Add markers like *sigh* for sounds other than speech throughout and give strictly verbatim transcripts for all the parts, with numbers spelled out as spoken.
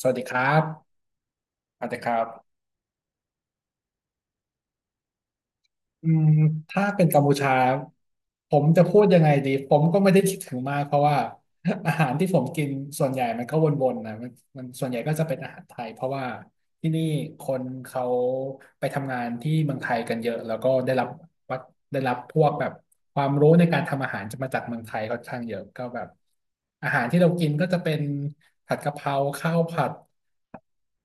สวัสดีครับสวัสดีครับอืมถ้าเป็นกัมพูชา ผมจะพูดยังไงดี ผมก็ไม่ได้คิดถึงมากเพราะว่า *laughs* อาหารที่ผมกินส่วนใหญ่มันก็วนๆนะมันมันส่วนใหญ่ก็จะเป็นอาหารไทยเพราะว่าที่นี่คนเขาไปทำงานที่เมืองไทยกันเยอะแล้วก็ได้รับวัดได้รับพวกแบบความรู้ในการทำอาหารจะมาจากเมืองไทยค่อนข้างเยอะก็แบบอาหารที่เรากินก็จะเป็นผัดกะเพราข้าวผัด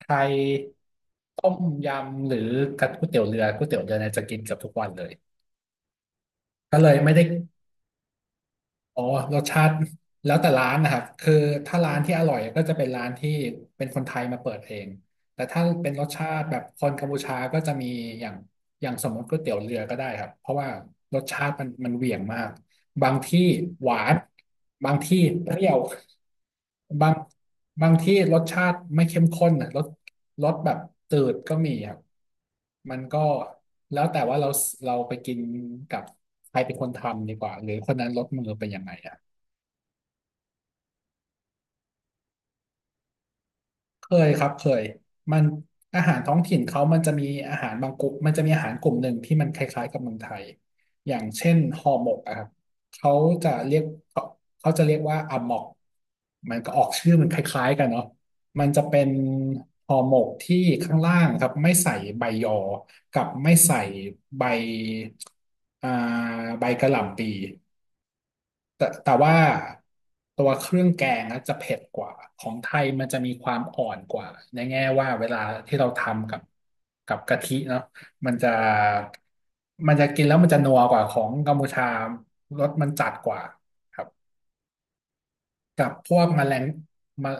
ไทยต้มยำหรือกับก๋วยเตี๋ยวเรือก๋วยเตี๋ยวเรือเนี่ยจะกินเกือบทุกวันเลยก็เลยไม่ได้อ๋อรสชาติแล้วแต่ร้านนะครับคือถ้าร้านที่อร่อยก็จะเป็นร้านที่เป็นคนไทยมาเปิดเองแต่ถ้าเป็นรสชาติแบบคนกัมพูชาก็จะมีอย่างอย่างสมมติก๋วยเตี๋ยวเรือก็ได้ครับเพราะว่ารสชาติมันมันเหวี่ยงมาก บางที่หวานบางที่เปรี้ยวบางบางที่รสชาติไม่เข้มข้นนะรสรสแบบตืดก็มีครับมันก็แล้วแต่ว่าเราเราไปกินกับใครเป็นคนทำดีกว่าหรือคนนั้นรสมือเป็นยังไง เคยครับเคยมันอาหารท้องถิ่นเขามันจะมีอาหารบางกลุ่มมันจะมีอาหารกลุ่มหนึ่งที่มันคล้ายๆกับเมืองไทยอย่างเช่นห่อหมกอะครับเขาจะเรียกเขาเขาจะเรียกว่าอะหมอกมันก็ออกชื่อมันคล้ายๆกันเนาะมันจะเป็นห่อหมกที่ข้างล่างครับไม่ใส่ใบยอกับไม่ใส่ใบอ่าใบกะหล่ำปี แต่แต่ว่าตัวเครื่องแกงนะจะเผ็ดกว่าของไทยมันจะมีความอ่อนกว่าในแง่ว่าเวลาที่เราทำกับกับกะทิเนาะมันจะมันจะกินแล้วมันจะนัวกว่าของกัมพูชารสมันจัดกว่าครับกับพวกแมลงมา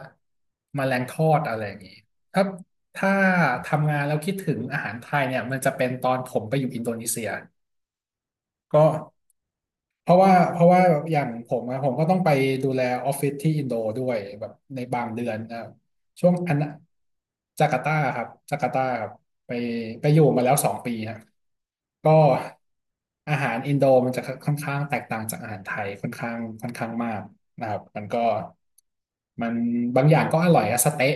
แมลงทอดอะไรอย่างนี้ถ้าถ้าทำงานแล้วคิดถึงอาหารไทยเนี่ยมันจะเป็นตอนผมไปอยู่อินโดนีเซียก็ เพราะว่าเพราะว่าอย่างผมอะผมก็ต้องไปดูแลออฟฟิศที่อินโดด้วยแบบในบางเดือนนะครับช่วงอันจาการ์ตาครับจาการ์ตาครับไปไปอยู่มาแล้วสองปีฮะก็อาหารอินโดมันจะค่อนข้างแตกต่างจากอาหารไทยค่อนข้างค่อนข้างมากนะครับมันก็มันบางอย่างก็อร่อยอะสเต๊ะ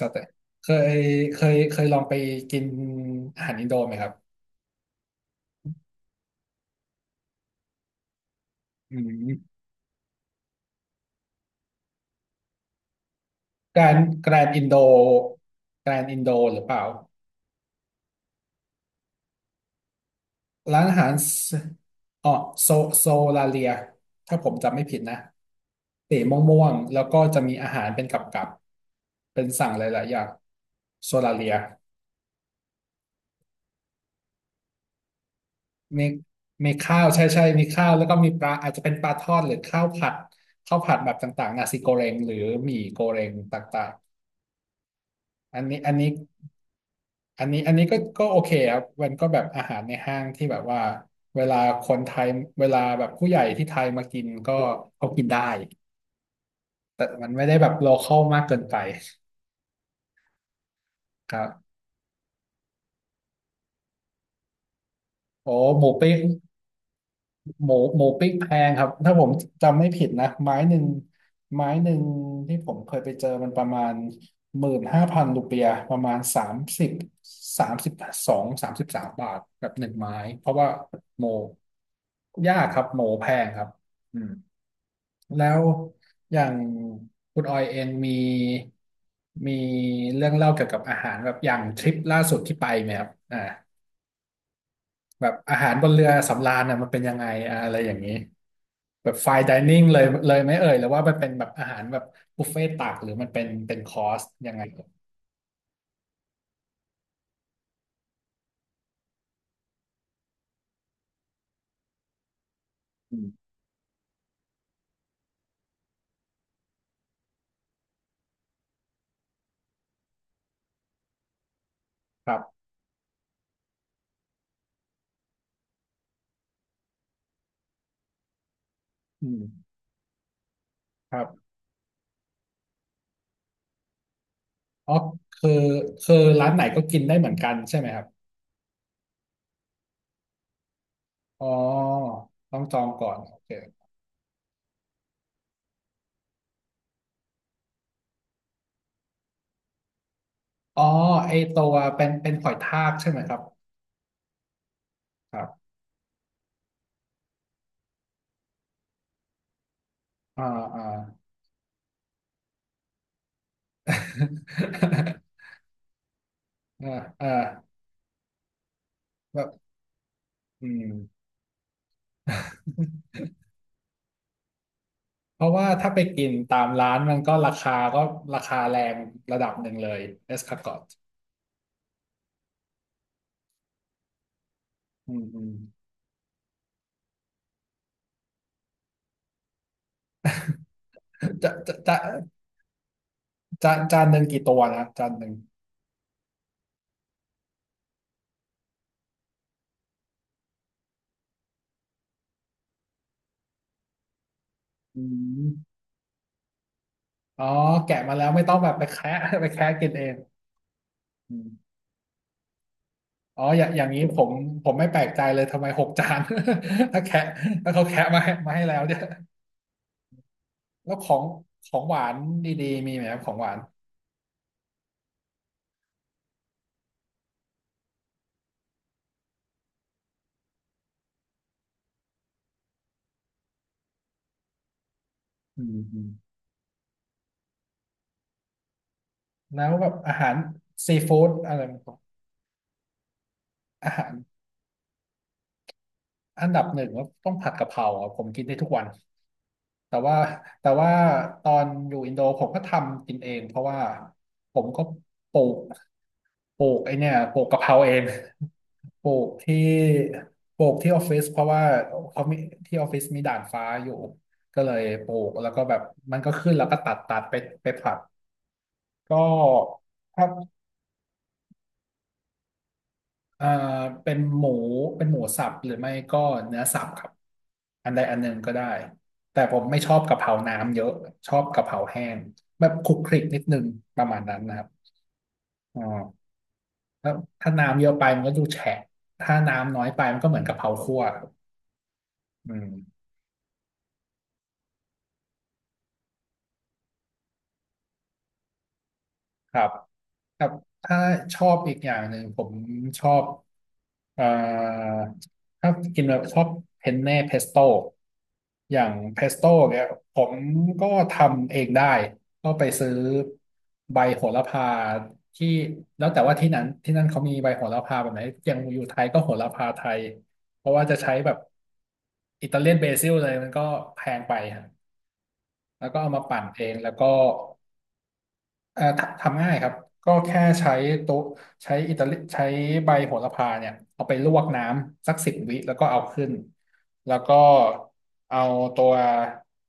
สเต๊ะเคยเคยเคยลองไปกินอาหารอินโดไหมครับอืม แกรนแกรนอินโดแกรนอินโดหรือเปล่าร้านอาหารสอ๋อโซโซลาเลียถ้าผมจำไม่ผิดนะสีม่วงๆแล้วก็จะมีอาหารเป็นกับกับเป็นสั่งหลายๆอย่างโซลาเลียมีมีข้าวใช่ใช่มีข้าวแล้วก็มีปลาอาจจะเป็นปลาทอดหรือข้าวผัดข้าวผัดแบบต่างๆนาซิโกเรงหรือหมี่โกเรงต่างๆอันนี้อันนี้ อันนี้อันนี้ก็ก็โอเคครับมันก็แบบอาหารในห้างที่แบบว่าเวลาคนไทยเวลาแบบผู้ใหญ่ที่ไทยมากินก็เขากินได้แต่มันไม่ได้แบบโลคอลมากเกินไปครับโอ้หมูปิ้งหมูหมูปิ้งแพงครับถ้าผมจำไม่ผิดนะไม้หนึ่งไม้หนึ่งที่ผมเคยไปเจอมันประมาณหมื่นห้าพันรูเปียห์ประมาณสามสิบสามสิบสองสามสิบสามบาทแบบหนึ่งไม้เพราะว่าหมูยากครับหมูแพงครับอืม แล้วอย่างคุณออยเองมีมีเรื่องเล่าเกี่ยวกับอาหารแบบอย่างทริปล่าสุดที่ไปไหมครับอ่าแบบอาหารบนเรือสำราญน่ะมันเป็นยังไงอ่าอะไรอย่างนี้แบบไฟน์ไดนิ่งเลยเลยไหมเอ่ยหรือว่ามันเป็นแบบอาหารแบบบุฟเฟ่ต์ตักหรือมันเป็นเป็นคอร์สยังไงเอ่ยอืมครับอืมครับอ๋อคือคือร้านไหนก็กินได้เหมือนกันใช่ไหมครับอ๋อต้องจองก่อนโอเคอ๋อไอตัวเป็นเป็นหอยทากใช่ไหมครับครับ อ่าอ่า *laughs* อ่าอ่าแบบอืมเพราะว่าถ้าไปกินตามร้านมันก็ราคาก็ราคาแรงระดับหนึ่งเลยเอสคาร์กอตอืมอืมจะจะจะจะจานหนึ่งกี่ตัวนะจานหนึ่งอืมอ๋อแกะมาแล้วไม่ต้องแบบไปแคะ *laughs* ไปแคะกินเองอืมอ๋ออย่างอย่างนี้ผมผมไม่แปลกใจเลยทำไมหกจาน *laughs* ถ้าแคะถ้าเขาแคะมาให้มาให้แล้วเนี่ยแล้วของของหวานดีๆมีไหมครับของหวานอืม แล้วแบบอาหารซีฟู้ดอะไรมันก็อาหารอันดับหนึ่งก็ต้องผัดกะเพราอะผมกินได้ทุกวันแต่ว่าแต่ว่าตอนอยู่อินโดผมก็ทำกินเองเพราะว่าผมก็ปลูกปลูกไอเนี่ยปลูกกะเพราเองปลูกที่ปลูกที่ออฟฟิศเพราะว่าเขามีที่ออฟฟิศมีด่านฟ้าอยู่ก็เลยปลูกแล้วก็แบบมันก็ขึ้นแล้วก็ตัดตัดไปไปผัดก็ถ้า เอ่อเป็นหมูเป็นหมูสับหรือไม่ก็เนื้อสับครับอันใดอันหนึ่งก็ได้แต่ผมไม่ชอบกะเพราน้ำเยอะชอบกะเพราแห้งแบบคลุกคลิกนิดนึงประมาณนั้นนะครับอ๋อแล้วถ้าน้ำเยอะไปมันก็ดูแฉะถ้าน้ำน้อยไปมันก็เหมือนกะเพราคั่วครับอืม ครับครับถ้าชอบอีกอย่างหนึ่งผมชอบเอ่อถ้ากินแบบชอบเพนเน่เพสโต้อย่างเพสโต้เนี่ยผมก็ทำเองได้ก็ไปซื้อใบโหระพาที่แล้วแต่ว่าที่นั้นที่นั่นเขามีใบโหระพาแบบไหนอย่างอยู่ไทยก็โหระพาไทยเพราะว่าจะใช้แบบอิตาเลียนเบซิลเลยมันก็แพงไปฮะแล้วก็เอามาปั่นเองแล้วก็ เอ่อทำทำง่ายครับก็แค่ใช้โต๊ะใช้อิตาลีใช้ใบโหระพาเนี่ยเอาไปลวกน้ำสักสิบวิแล้วก็เอาขึ้นแล้วก็เอาตัว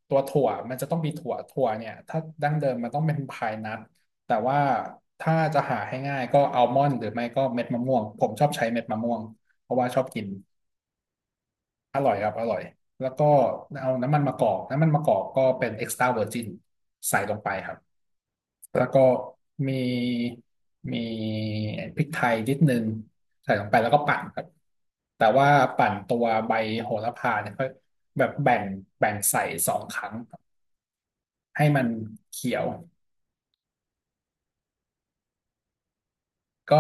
ตัวถั่วมันจะต้องมีถั่วถั่วเนี่ยถ้าดั้งเดิมมันต้องเป็นพายนัทแต่ว่าถ้าจะหาให้ง่ายก็อัลมอนด์หรือไม่ก็เม็ดมะม่วงผมชอบใช้เม็ดมะม่วงเพราะว่าชอบกิน อร่อยครับอร่อยแล้วก็เอาน้ำมันมะกอกน้ำมันมะกอกก็เป็น extra virgin ใส่ลงไปครับแล้วก็มีมีพริกไทยนิดนึงใส่ลงไปแล้วก็ปั่นครับแต่ว่าปั่นตัวใบโหระพาเนี่ยค่อยแบบแบ่งแบ่งใส่สองครั้งครับให้มันเขียว ก็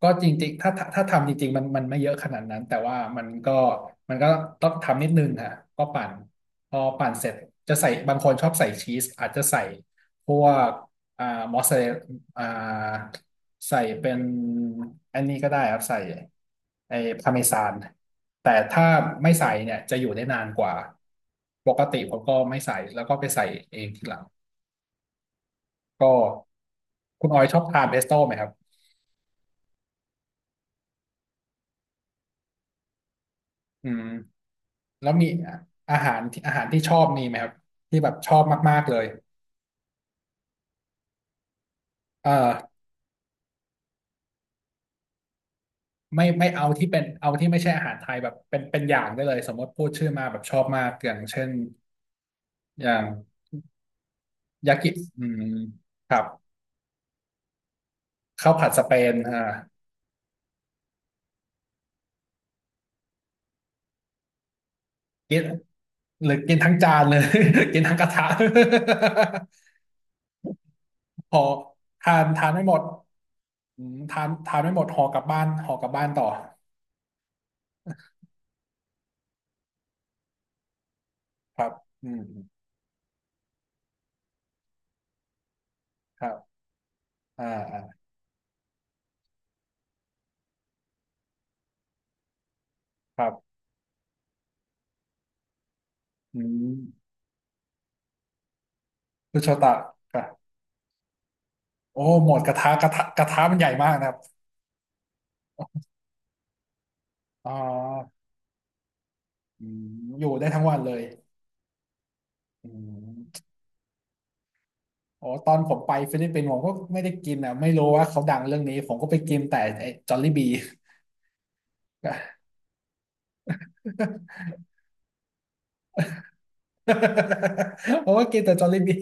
ก็จริงๆถ้าถ้าถ้าทำจริงๆมันมันไม่เยอะขนาดนั้นแต่ว่ามันก็มันก็ต้องทำนิดนึงฮะก็ปั่นพอปั่นเสร็จจะใส่บางคนชอบใส่ชีสอาจจะใส่พวกอ่ามอสซาเรลอ่าใส่เป็นอันนี้ก็ได้ครับใส่ไอ้พาเมซานแต่ถ้าไม่ใส่เนี่ยจะอยู่ได้นานกว่าปกติผมก็ไม่ใส่แล้วก็ไปใส่เองทีหลังก็คุณออยชอบทานเพสโต้ไหมครับอืม แล้วมีอาหารที่อาหารที่ชอบมีไหมครับที่แบบชอบมากๆเลยเออไม่ไม่เอาที่เป็นเอาที่ไม่ใช่อาหารไทยแบบเป็นเป็นอย่างได้เลยสมมติพูดชื่อมาแบบชอบมากอย่างเช่นอย่างยากิอืมครับข้าวผัดสเปนอ่ากินหรือกินทั้งจานเลย *laughs* กินทั้งกระทะ *laughs* พอทานทานไม่หมดอืมทานทานไม่หมดห่อกลับบ้านห่อกลับบ้านต่อครับอืมครับอ่าอ่าครับอืมคุณโชตะ โอ้หมดกระทะกระทะกระทะมันใหญ่มากนะครับอ่าอืมอยู่ได้ทั้งวันเลยอืมอ๋อตอนผมไปฟิลิปปินส์ผมก็ไม่ได้กินอ่ะไม่รู้ว่าเขาดังเรื่องนี้ผมก็ไปกินแต่ไอ้จอลลี่บี *laughs* ผมก็กินแต่จอลลี่บี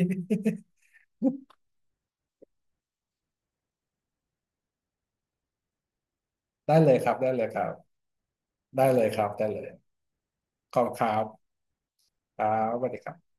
*laughs* ได้เลยครับได้เลยครับได้เลยครับได้เลยขอบคุณครับครับสวัสดีครับ